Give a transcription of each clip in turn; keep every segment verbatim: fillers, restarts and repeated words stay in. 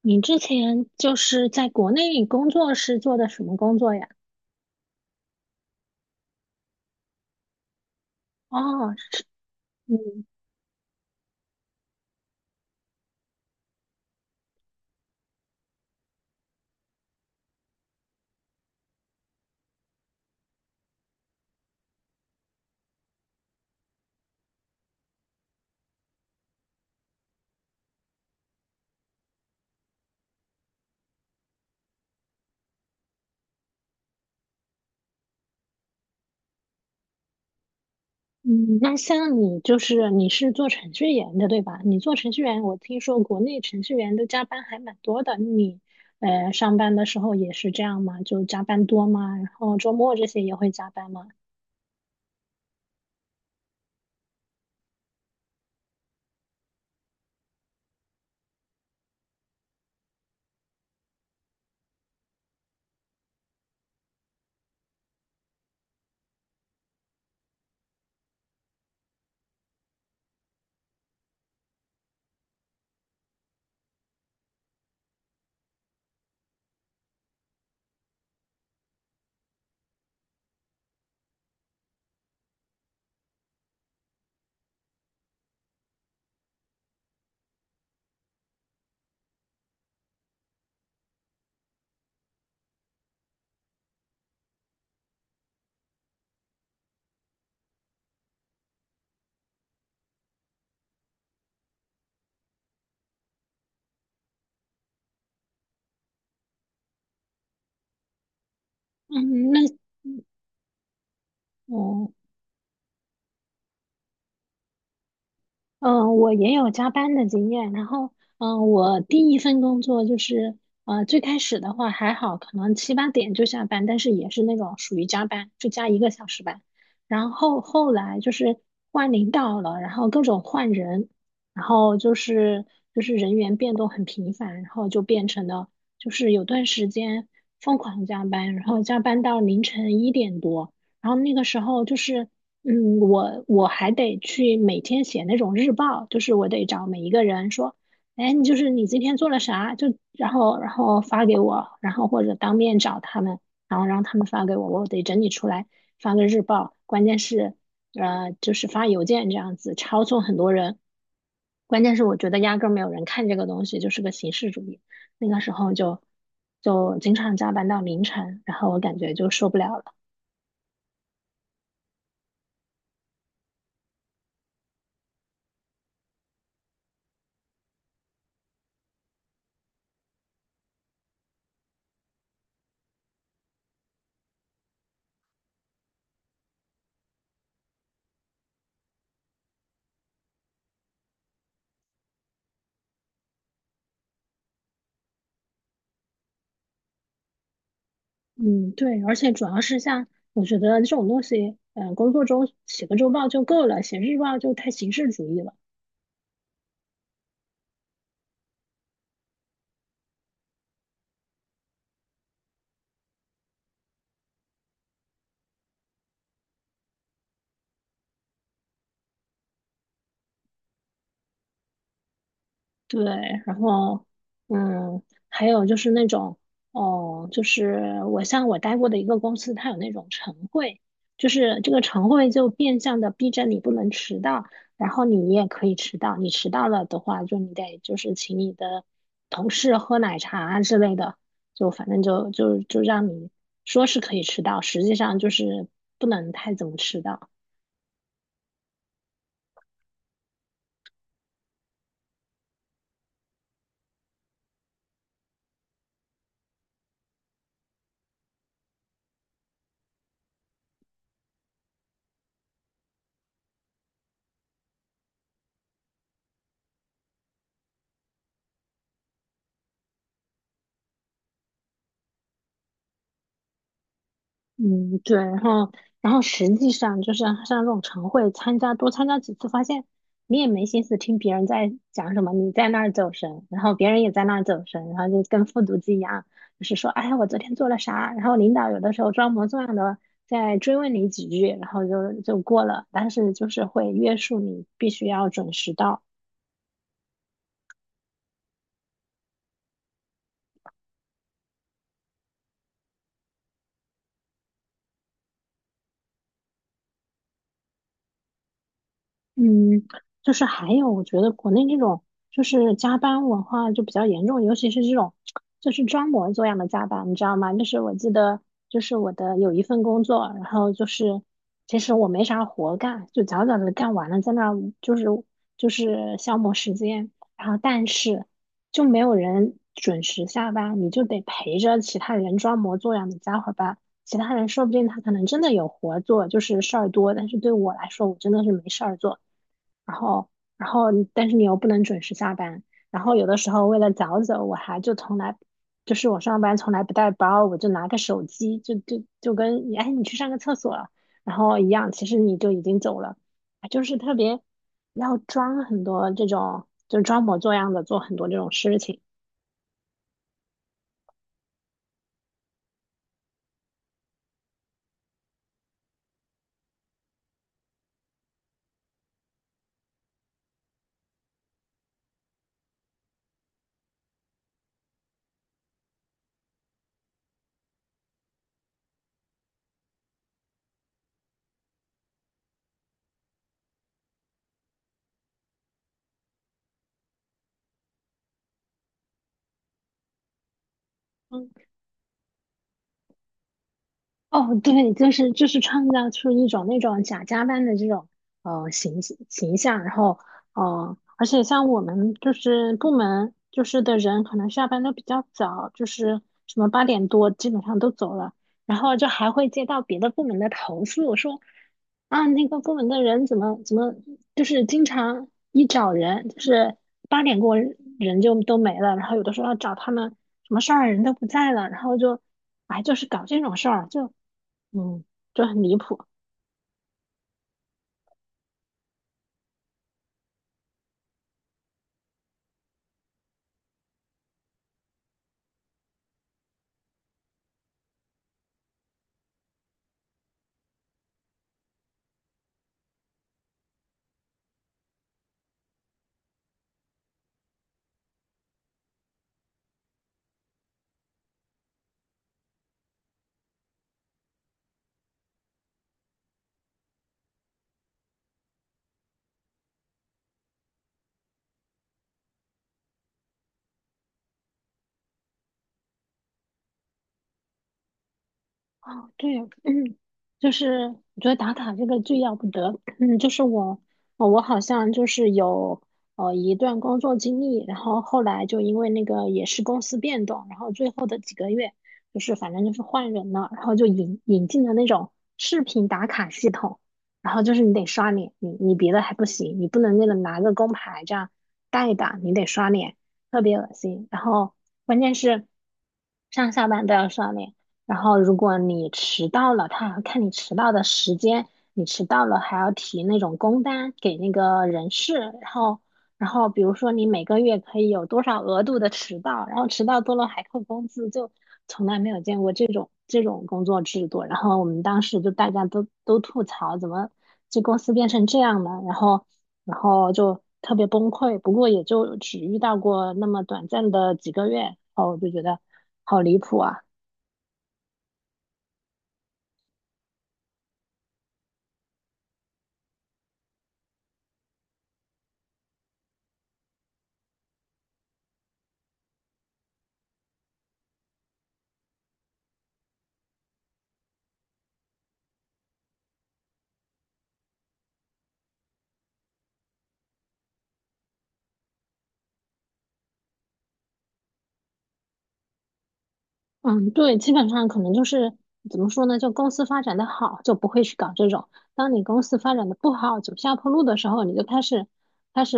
你之前就是在国内工作是做的什么工作呀？哦，嗯嗯，那像你就是你是做程序员的对吧？你做程序员，我听说国内程序员都加班还蛮多的。你呃上班的时候也是这样吗？就加班多吗？然后周末这些也会加班吗？嗯，那哦。嗯，我也有加班的经验。然后，嗯，我第一份工作就是，呃，最开始的话还好，可能七八点就下班，但是也是那种属于加班，就加一个小时班。然后后来就是换领导了，然后各种换人，然后就是就是人员变动很频繁，然后就变成了就是有段时间疯狂加班，然后加班到凌晨一点多。然后那个时候就是嗯，我我还得去每天写那种日报，就是我得找每一个人说，哎，你就是你今天做了啥，就然后然后发给我，然后或者当面找他们，然后让他们发给我，我得整理出来发个日报。关键是，呃，就是发邮件这样子，抄送很多人。关键是我觉得压根儿没有人看这个东西，就是个形式主义。那个时候就就经常加班到凌晨，然后我感觉就受不了了。嗯，对，而且主要是像我觉得这种东西，嗯、工作中写个周报就够了，写日报就太形式主义了。对，然后，嗯，还有就是那种，哦，就是我像我待过的一个公司，它有那种晨会，就是这个晨会就变相的逼着你不能迟到，然后你也可以迟到，你迟到了的话，就你得就是请你的同事喝奶茶啊之类的，就反正就就就让你说是可以迟到，实际上就是不能太怎么迟到。嗯，对，然后，然后实际上就是像这种晨会，参加多参加几次，发现你也没心思听别人在讲什么，你在那儿走神，然后别人也在那儿走神，然后就跟复读机一样，就是说，哎，我昨天做了啥？然后领导有的时候装模作样的再追问你几句，然后就就过了，但是就是会约束你必须要准时到。嗯，就是还有，我觉得国内那种就是加班文化就比较严重，尤其是这种就是装模作样的加班，你知道吗？就是我记得，就是我的有一份工作，然后就是其实我没啥活干，就早早的干完了，在那儿就是就是消磨时间，然后但是就没有人准时下班，你就得陪着其他人装模作样的加会儿班。其他人说不定他可能真的有活做，就是事儿多，但是对我来说，我真的是没事儿做。然后，然后你但是你又不能准时下班，然后有的时候为了早走，我还就从来，就是我上班从来不带包，我就拿个手机，就就就跟你，哎，你去上个厕所了然后一样，其实你就已经走了，哎就是特别要装很多这种，就装模作样的做很多这种事情。嗯。哦，对，就是就是创造出一种那种假加班的这种呃形形象，然后呃，而且像我们就是部门就是的人，可能下班都比较早，就是什么八点多基本上都走了，然后就还会接到别的部门的投诉，说啊那个部门的人怎么怎么就是经常一找人就是八点过人就都没了，然后有的时候要找他们什么事儿人都不在了，然后就。哎，就是搞这种事儿，就嗯，就很离谱。哦，对，嗯，就是我觉得打卡这个最要不得，嗯，就是我，呃我好像就是有呃一段工作经历，然后后来就因为那个也是公司变动，然后最后的几个月就是反正就是换人了，然后就引引进了那种视频打卡系统，然后就是你得刷脸，你你别的还不行，你不能那个拿个工牌这样带一打，你得刷脸，特别恶心，然后关键是上下班都要刷脸。然后如果你迟到了，他还要看你迟到的时间，你迟到了还要提那种工单给那个人事，然后然后比如说你每个月可以有多少额度的迟到，然后迟到多了还扣工资，就从来没有见过这种这种工作制度。然后我们当时就大家都都吐槽，怎么这公司变成这样了？然后然后就特别崩溃。不过也就只遇到过那么短暂的几个月，然后我就觉得好离谱啊。嗯，对，基本上可能就是怎么说呢？就公司发展的好，就不会去搞这种；当你公司发展的不好，走下坡路的时候，你就开始开始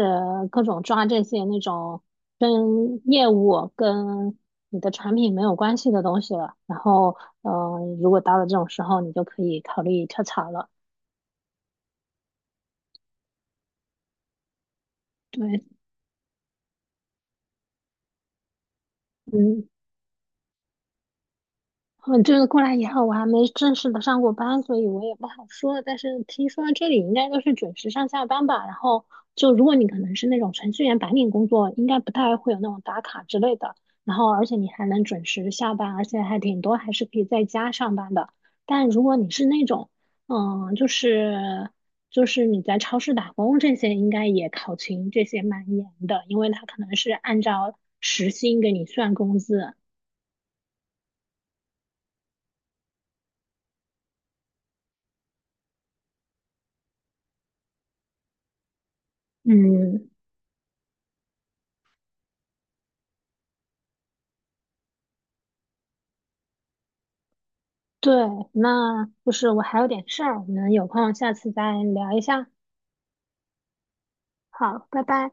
各种抓这些那种跟业务、跟你的产品没有关系的东西了。然后，嗯、如果到了这种时候，你就可以考虑跳槽了。对，嗯。嗯，就是过来以后，我还没正式的上过班，所以我也不好说。但是听说这里应该都是准时上下班吧？然后就如果你可能是那种程序员白领工作，应该不太会有那种打卡之类的。然后而且你还能准时下班，而且还挺多还是可以在家上班的。但如果你是那种，嗯，就是就是你在超市打工这些，应该也考勤这些蛮严的，因为他可能是按照时薪给你算工资。嗯。对，那就是我还有点事儿，我们有空下次再聊一下。好，拜拜。